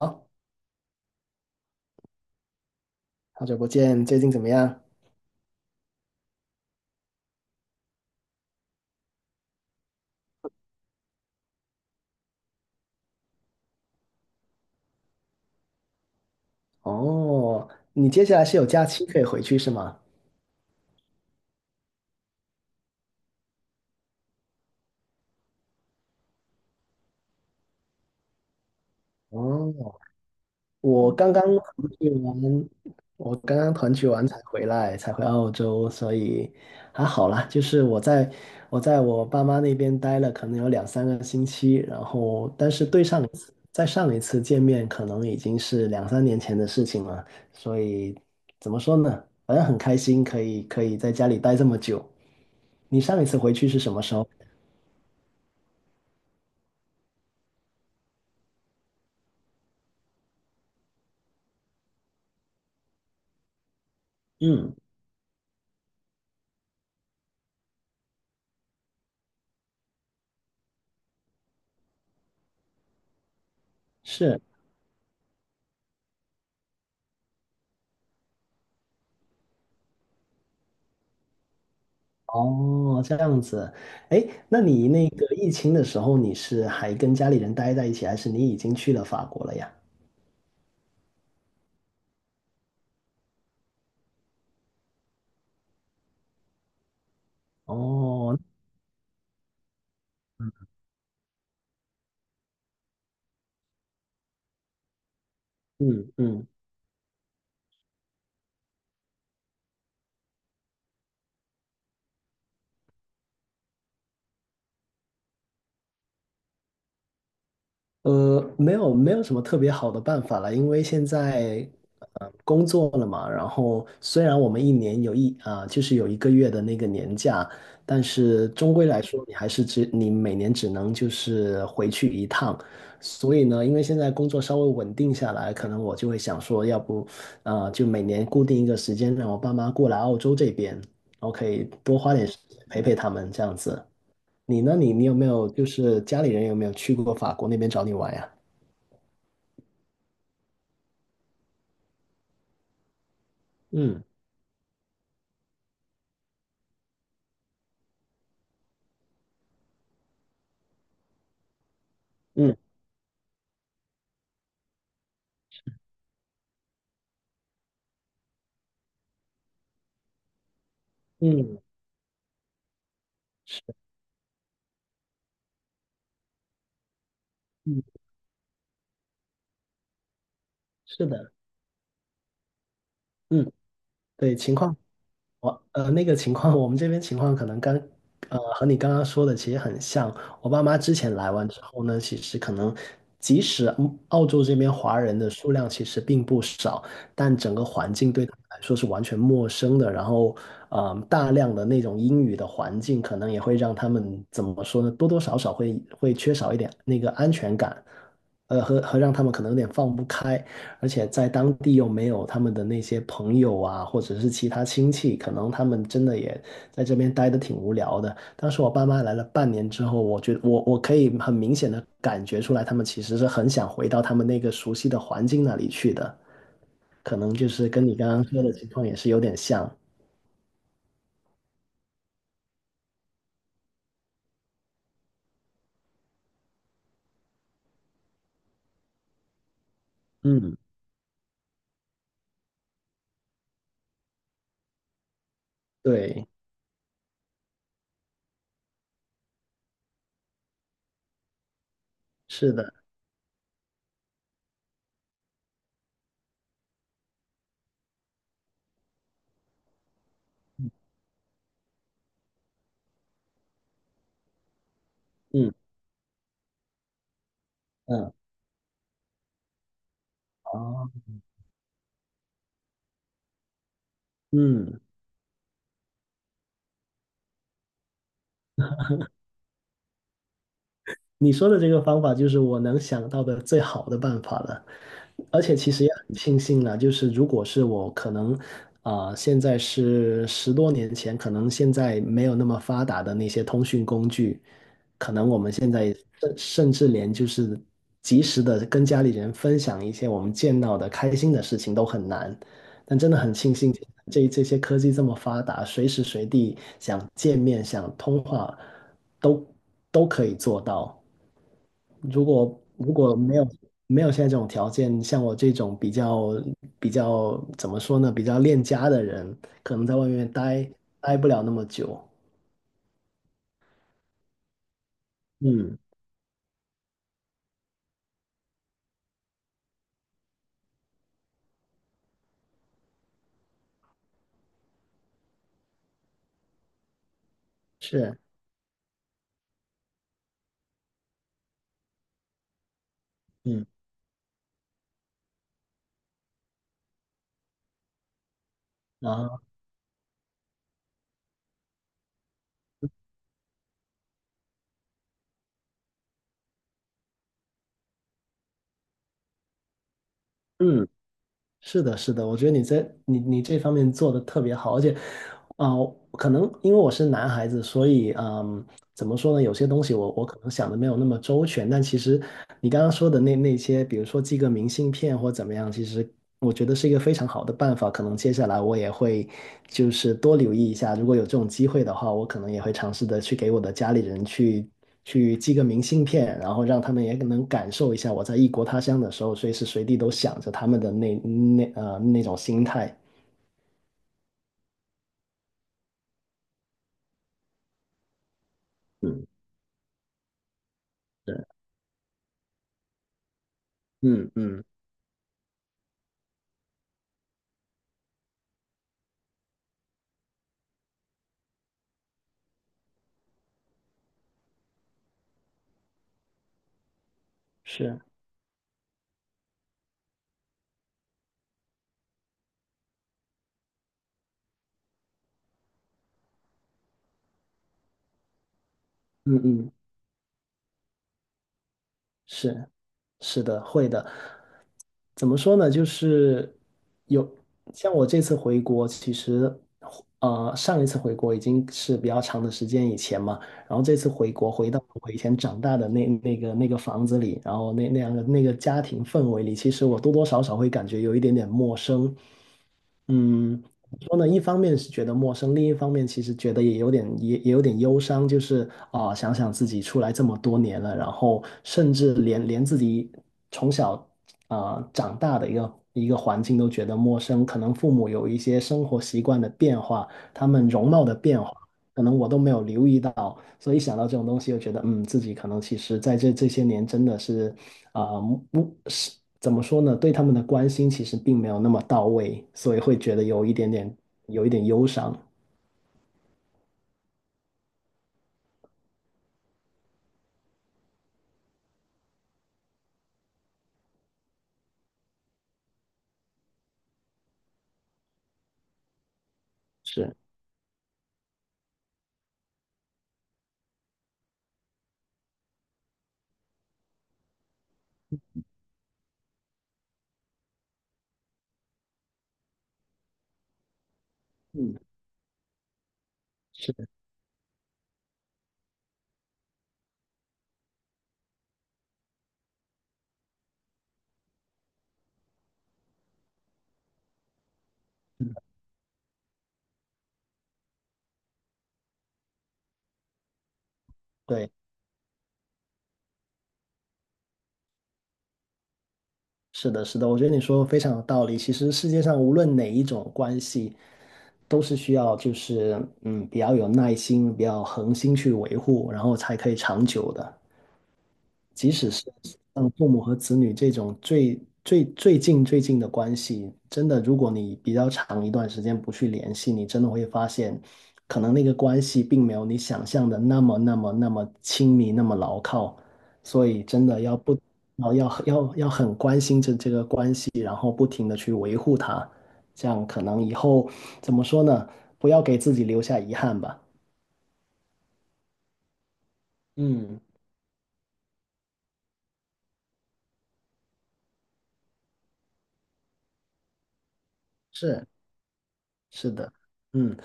好，好久不见，最近怎么样？哦，你接下来是有假期可以回去是吗？哦，我刚刚团聚完，我刚刚团聚完才回来，才回澳洲，所以还好啦。就是我在我爸妈那边待了可能有两三个星期，然后但是对上一次，再上一次见面可能已经是两三年前的事情了，所以怎么说呢？反正很开心，可以在家里待这么久。你上一次回去是什么时候？嗯，是。哦，这样子。哎，那你那个疫情的时候，你是还跟家里人待在一起，还是你已经去了法国了呀？哦，嗯嗯。没有没有什么特别好的办法了，因为现在工作了嘛，然后虽然我们一年有一啊、就是有一个月的那个年假，但是终归来说，你每年只能就是回去一趟，所以呢，因为现在工作稍微稳定下来，可能我就会想说，要不就每年固定一个时间让我爸妈过来澳洲这边，我可以多花点时间陪陪他们这样子。你呢？你你有没有就是家里人有没有去过法国那边找你玩呀？嗯嗯嗯，是嗯是的。嗯，对，情况。我那个情况，我们这边情况可能和你刚刚说的其实很像。我爸妈之前来完之后呢，其实可能即使澳洲这边华人的数量其实并不少，但整个环境对他们来说是完全陌生的。然后，大量的那种英语的环境，可能也会让他们怎么说呢？多多少少会缺少一点那个安全感，和让他们可能有点放不开。而且在当地又没有他们的那些朋友啊，或者是其他亲戚，可能他们真的也在这边待的挺无聊的。当时我爸妈来了半年之后，我觉得我可以很明显的感觉出来，他们其实是很想回到他们那个熟悉的环境那里去的，可能就是跟你刚刚说的情况也是有点像。嗯，对，是的。嗯嗯，哦。嗯。你说的这个方法就是我能想到的最好的办法了，而且其实也很庆幸了，就是如果是我可能，现在是10多年前，可能现在没有那么发达的那些通讯工具，可能我们现在甚至连就是及时的跟家里人分享一些我们见到的开心的事情都很难，但真的很庆幸这些科技这么发达，随时随地想见面、想通话都都可以做到。如果没有现在这种条件，像我这种比较怎么说呢，比较恋家的人，可能在外面待不了那么久。嗯，是。嗯啊。嗯，是的，是的，我觉得你在这方面做的特别好，而且可能因为我是男孩子，所以怎么说呢？有些东西我可能想的没有那么周全，但其实你刚刚说的那些，比如说寄个明信片或怎么样，其实我觉得是一个非常好的办法。可能接下来我也会就是多留意一下，如果有这种机会的话，我可能也会尝试的去给我的家里人去寄个明信片，然后让他们也能感受一下我在异国他乡的时候，随时随地都想着他们的那种心态。嗯，对，嗯嗯，是，嗯嗯。是，是的，会的。怎么说呢？就是有像我这次回国，其实上一次回国已经是比较长的时间以前嘛，然后这次回国回到我以前长大的那个房子里，然后那样的那个家庭氛围里，其实我多多少少会感觉有一点点陌生。嗯，怎么说呢，一方面是觉得陌生，另一方面其实觉得也有点忧伤，就是想想自己出来这么多年了，然后甚至连自己从小长大的一个一个环境都觉得陌生，可能父母有一些生活习惯的变化，他们容貌的变化，可能我都没有留意到，所以一想到这种东西，又觉得自己可能其实在这些年真的是啊、不是怎么说呢？对他们的关心其实并没有那么到位，所以会觉得有一点忧伤。是，嗯，是的，是的。对，是的，是的，我觉得你说的非常有道理。其实世界上无论哪一种关系，都是需要就是比较有耐心、比较恒心去维护，然后才可以长久的。即使是像父母和子女这种最近的关系，真的，如果你比较长一段时间不去联系，你真的会发现，可能那个关系并没有你想象的那么那么那么亲密，那么牢靠。所以真的要不，要要要要很关心这个关系，然后不停的去维护它，这样可能以后怎么说呢？不要给自己留下遗憾吧。嗯，是是的，嗯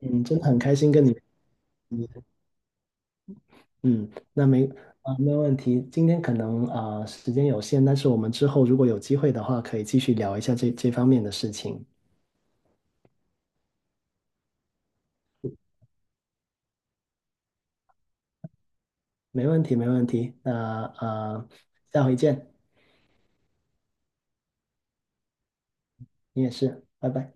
嗯，真的很开心跟你。嗯，那没问题。今天可能时间有限，但是我们之后如果有机会的话，可以继续聊一下这方面的事情。没问题，没问题。那下回见，你也是，拜拜。